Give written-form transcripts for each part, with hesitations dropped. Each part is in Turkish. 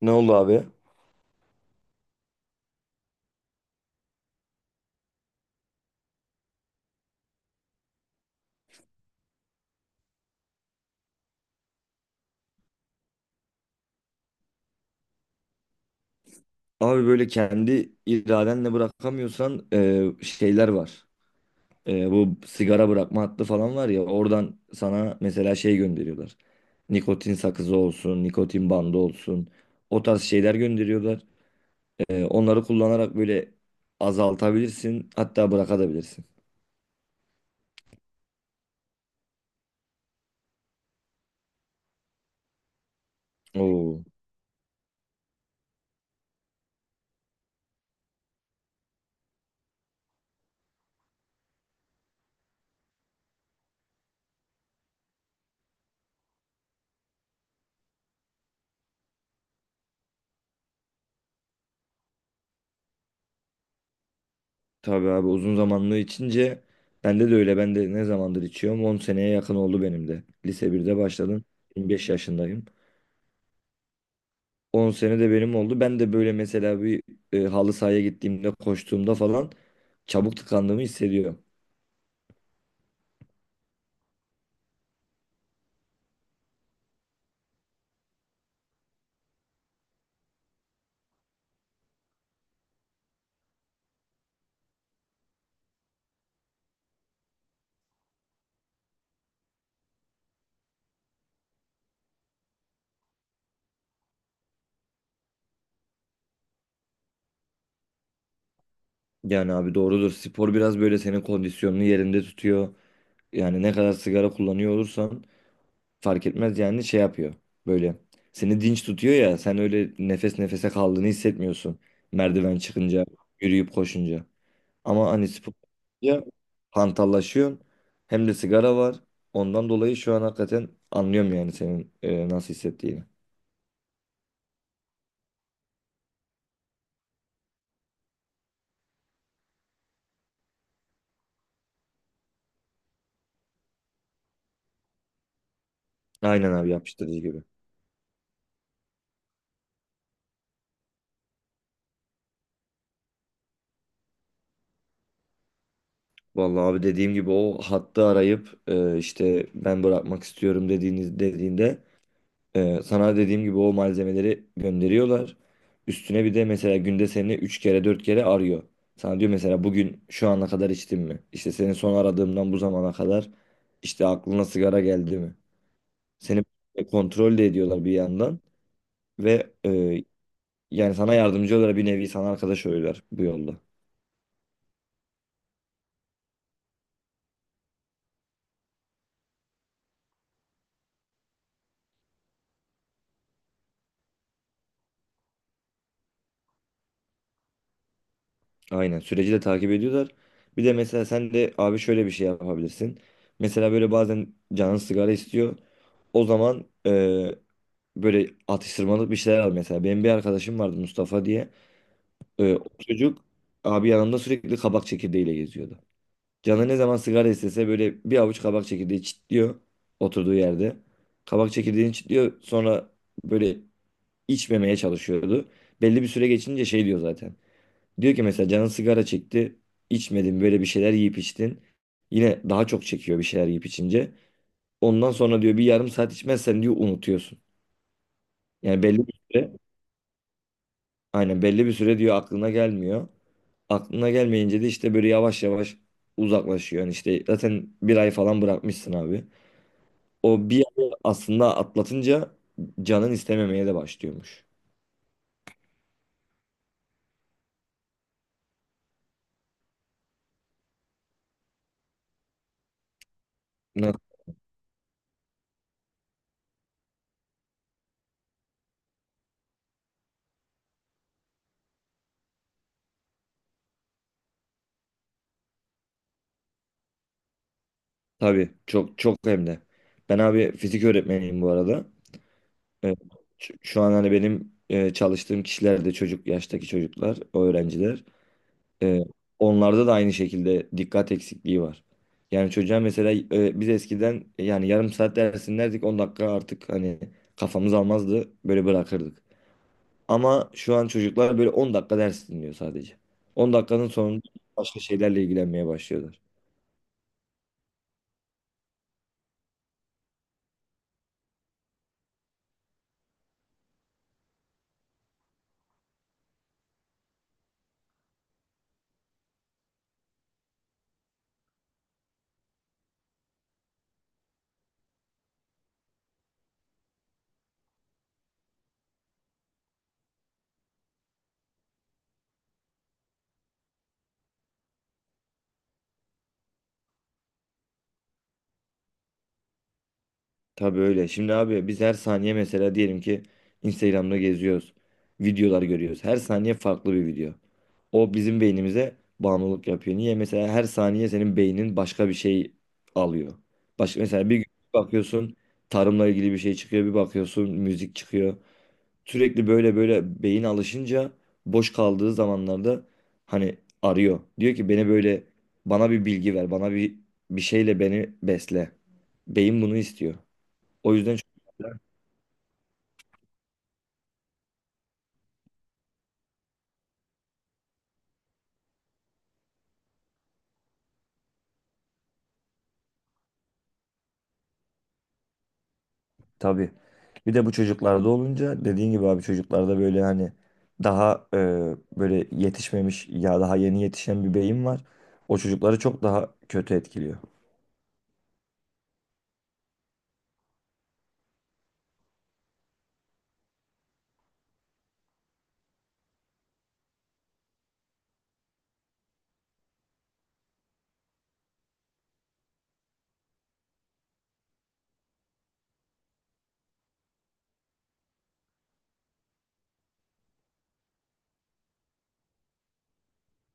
Ne oldu abi? Abi böyle kendi iradenle bırakamıyorsan şeyler var. Bu sigara bırakma hattı falan var ya, oradan sana mesela şey gönderiyorlar. Nikotin sakızı olsun, nikotin bandı olsun. O tarz şeyler gönderiyorlar. Onları kullanarak böyle azaltabilirsin, hatta bırakabilirsin. Oo. Tabii abi, uzun zamanlı içince bende de öyle. Ben de ne zamandır içiyorum? 10 seneye yakın oldu benim de. Lise birde başladım. 25 yaşındayım. 10 sene de benim oldu. Ben de böyle mesela bir halı sahaya gittiğimde, koştuğumda falan çabuk tıkandığımı hissediyorum. Yani abi doğrudur. Spor biraz böyle senin kondisyonunu yerinde tutuyor. Yani ne kadar sigara kullanıyor olursan fark etmez, yani şey yapıyor. Böyle seni dinç tutuyor ya, sen öyle nefes nefese kaldığını hissetmiyorsun. Merdiven çıkınca, yürüyüp koşunca. Ama hani spor ya, hantallaşıyorsun hem de sigara var. Ondan dolayı şu an hakikaten anlıyorum yani senin nasıl hissettiğini. Aynen abi, yapıştırıcı gibi. Vallahi abi, dediğim gibi o hattı arayıp işte ben bırakmak istiyorum dediğiniz dediğinde sana dediğim gibi o malzemeleri gönderiyorlar. Üstüne bir de mesela günde seni 3 kere 4 kere arıyor. Sana diyor mesela, bugün şu ana kadar içtin mi? İşte seni son aradığımdan bu zamana kadar işte aklına sigara geldi mi? Seni kontrol de ediyorlar bir yandan ve yani sana yardımcı oluyorlar, bir nevi sana arkadaş oluyorlar bu yolda. Aynen, süreci de takip ediyorlar. Bir de mesela sen de abi şöyle bir şey yapabilirsin. Mesela böyle bazen canın sigara istiyor. O zaman böyle atıştırmalık bir şeyler al mesela. Benim bir arkadaşım vardı, Mustafa diye. O çocuk abi yanımda sürekli kabak çekirdeğiyle geziyordu. Canı ne zaman sigara istese böyle bir avuç kabak çekirdeği çitliyor oturduğu yerde. Kabak çekirdeğini çitliyor, sonra böyle içmemeye çalışıyordu. Belli bir süre geçince şey diyor zaten. Diyor ki mesela, canın sigara çekti, içmedin, böyle bir şeyler yiyip içtin. Yine daha çok çekiyor bir şeyler yiyip içince. Ondan sonra diyor, bir yarım saat içmezsen diyor unutuyorsun. Yani belli bir süre, aynen belli bir süre diyor aklına gelmiyor. Aklına gelmeyince de işte böyle yavaş yavaş uzaklaşıyor. Yani işte zaten 1 ay falan bırakmışsın abi. O 1 ayı aslında atlatınca canın istememeye de başlıyormuş. Na- Tabii, çok çok hem de. Ben abi fizik öğretmeniyim bu arada. Ee, Şu an hani benim çalıştığım kişiler de çocuk yaştaki çocuklar, o öğrenciler. Ee, Onlarda da aynı şekilde dikkat eksikliği var. Yani çocuğa mesela biz eskiden yani yarım saat ders dinlerdik, 10 dakika artık hani kafamız almazdı, böyle bırakırdık. Ama şu an çocuklar böyle 10 dakika ders dinliyor sadece. 10 dakikanın sonunda başka şeylerle ilgilenmeye başlıyorlar. Tabii öyle. Şimdi abi biz her saniye mesela diyelim ki Instagram'da geziyoruz. Videolar görüyoruz. Her saniye farklı bir video. O bizim beynimize bağımlılık yapıyor. Niye? Mesela her saniye senin beynin başka bir şey alıyor. Başka, mesela bir gün bakıyorsun tarımla ilgili bir şey çıkıyor. Bir bakıyorsun müzik çıkıyor. Sürekli böyle böyle beyin alışınca, boş kaldığı zamanlarda hani arıyor. Diyor ki beni böyle, bana bir bilgi ver, bana bir bir şeyle beni besle. Beyin bunu istiyor. O yüzden çok- Tabii. Bir de bu çocuklarda olunca, dediğin gibi abi, çocuklarda böyle hani daha böyle yetişmemiş ya, daha yeni yetişen bir beyin var. O çocukları çok daha kötü etkiliyor.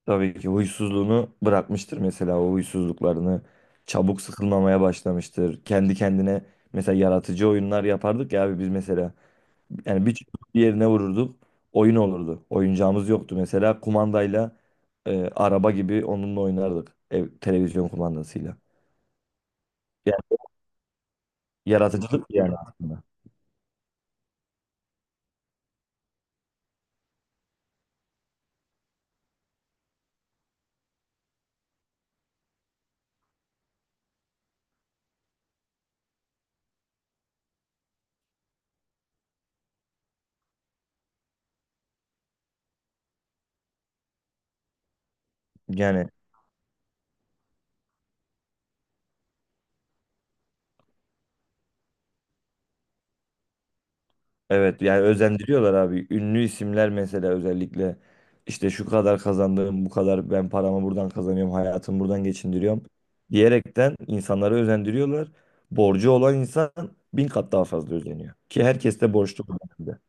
Tabii ki huysuzluğunu bırakmıştır mesela, o huysuzluklarını. Çabuk sıkılmamaya başlamıştır. Kendi kendine mesela yaratıcı oyunlar yapardık ya abi biz mesela. Yani bir çubuk bir yerine vururduk. Oyun olurdu. Oyuncağımız yoktu mesela. Kumandayla araba gibi onunla oynardık. Ev, televizyon kumandasıyla. Yani yaratıcılık yani aslında. Yani evet, yani özendiriyorlar abi. Ünlü isimler mesela, özellikle işte şu kadar kazandığım, bu kadar ben paramı buradan kazanıyorum, hayatımı buradan geçindiriyorum diyerekten insanları özendiriyorlar. Borcu olan insan 1000 kat daha fazla özeniyor. Ki herkes de borçlu bu dönemde.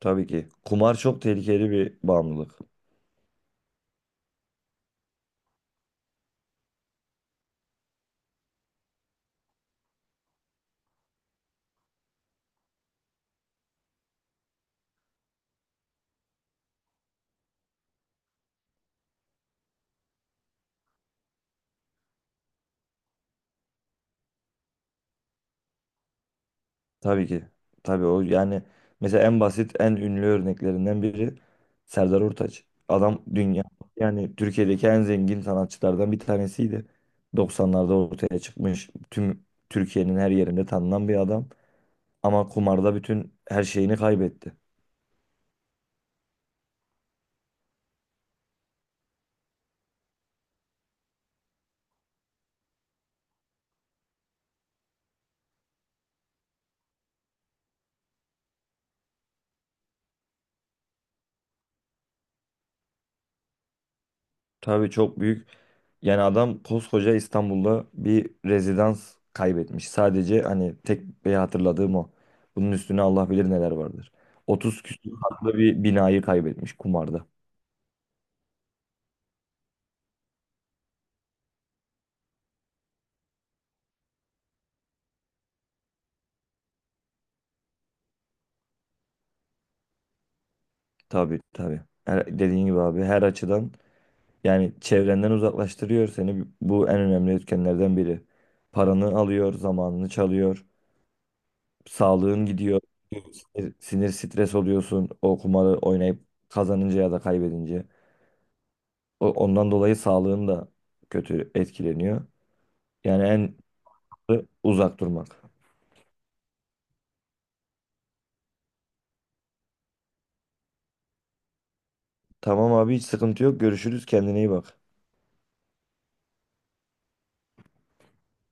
Tabii ki. Kumar çok tehlikeli bir bağımlılık. Tabii ki. Tabii o yani, mesela en basit en ünlü örneklerinden biri Serdar Ortaç. Adam dünya yani Türkiye'deki en zengin sanatçılardan bir tanesiydi. 90'larda ortaya çıkmış, tüm Türkiye'nin her yerinde tanınan bir adam. Ama kumarda bütün her şeyini kaybetti. Tabii çok büyük. Yani adam koskoca İstanbul'da bir rezidans kaybetmiş. Sadece hani tek bir hatırladığım o. Bunun üstüne Allah bilir neler vardır. 30 küsur katlı bir binayı kaybetmiş kumarda. Tabii tabii. Dediğin gibi abi her açıdan yani çevrenden uzaklaştırıyor seni. Bu en önemli etkenlerden biri. Paranı alıyor, zamanını çalıyor, sağlığın gidiyor, sinir stres oluyorsun o kumarı oynayıp kazanınca ya da kaybedince. Ondan dolayı sağlığın da kötü etkileniyor. Yani en uzak durmak. Tamam abi, hiç sıkıntı yok. Görüşürüz. Kendine iyi bak.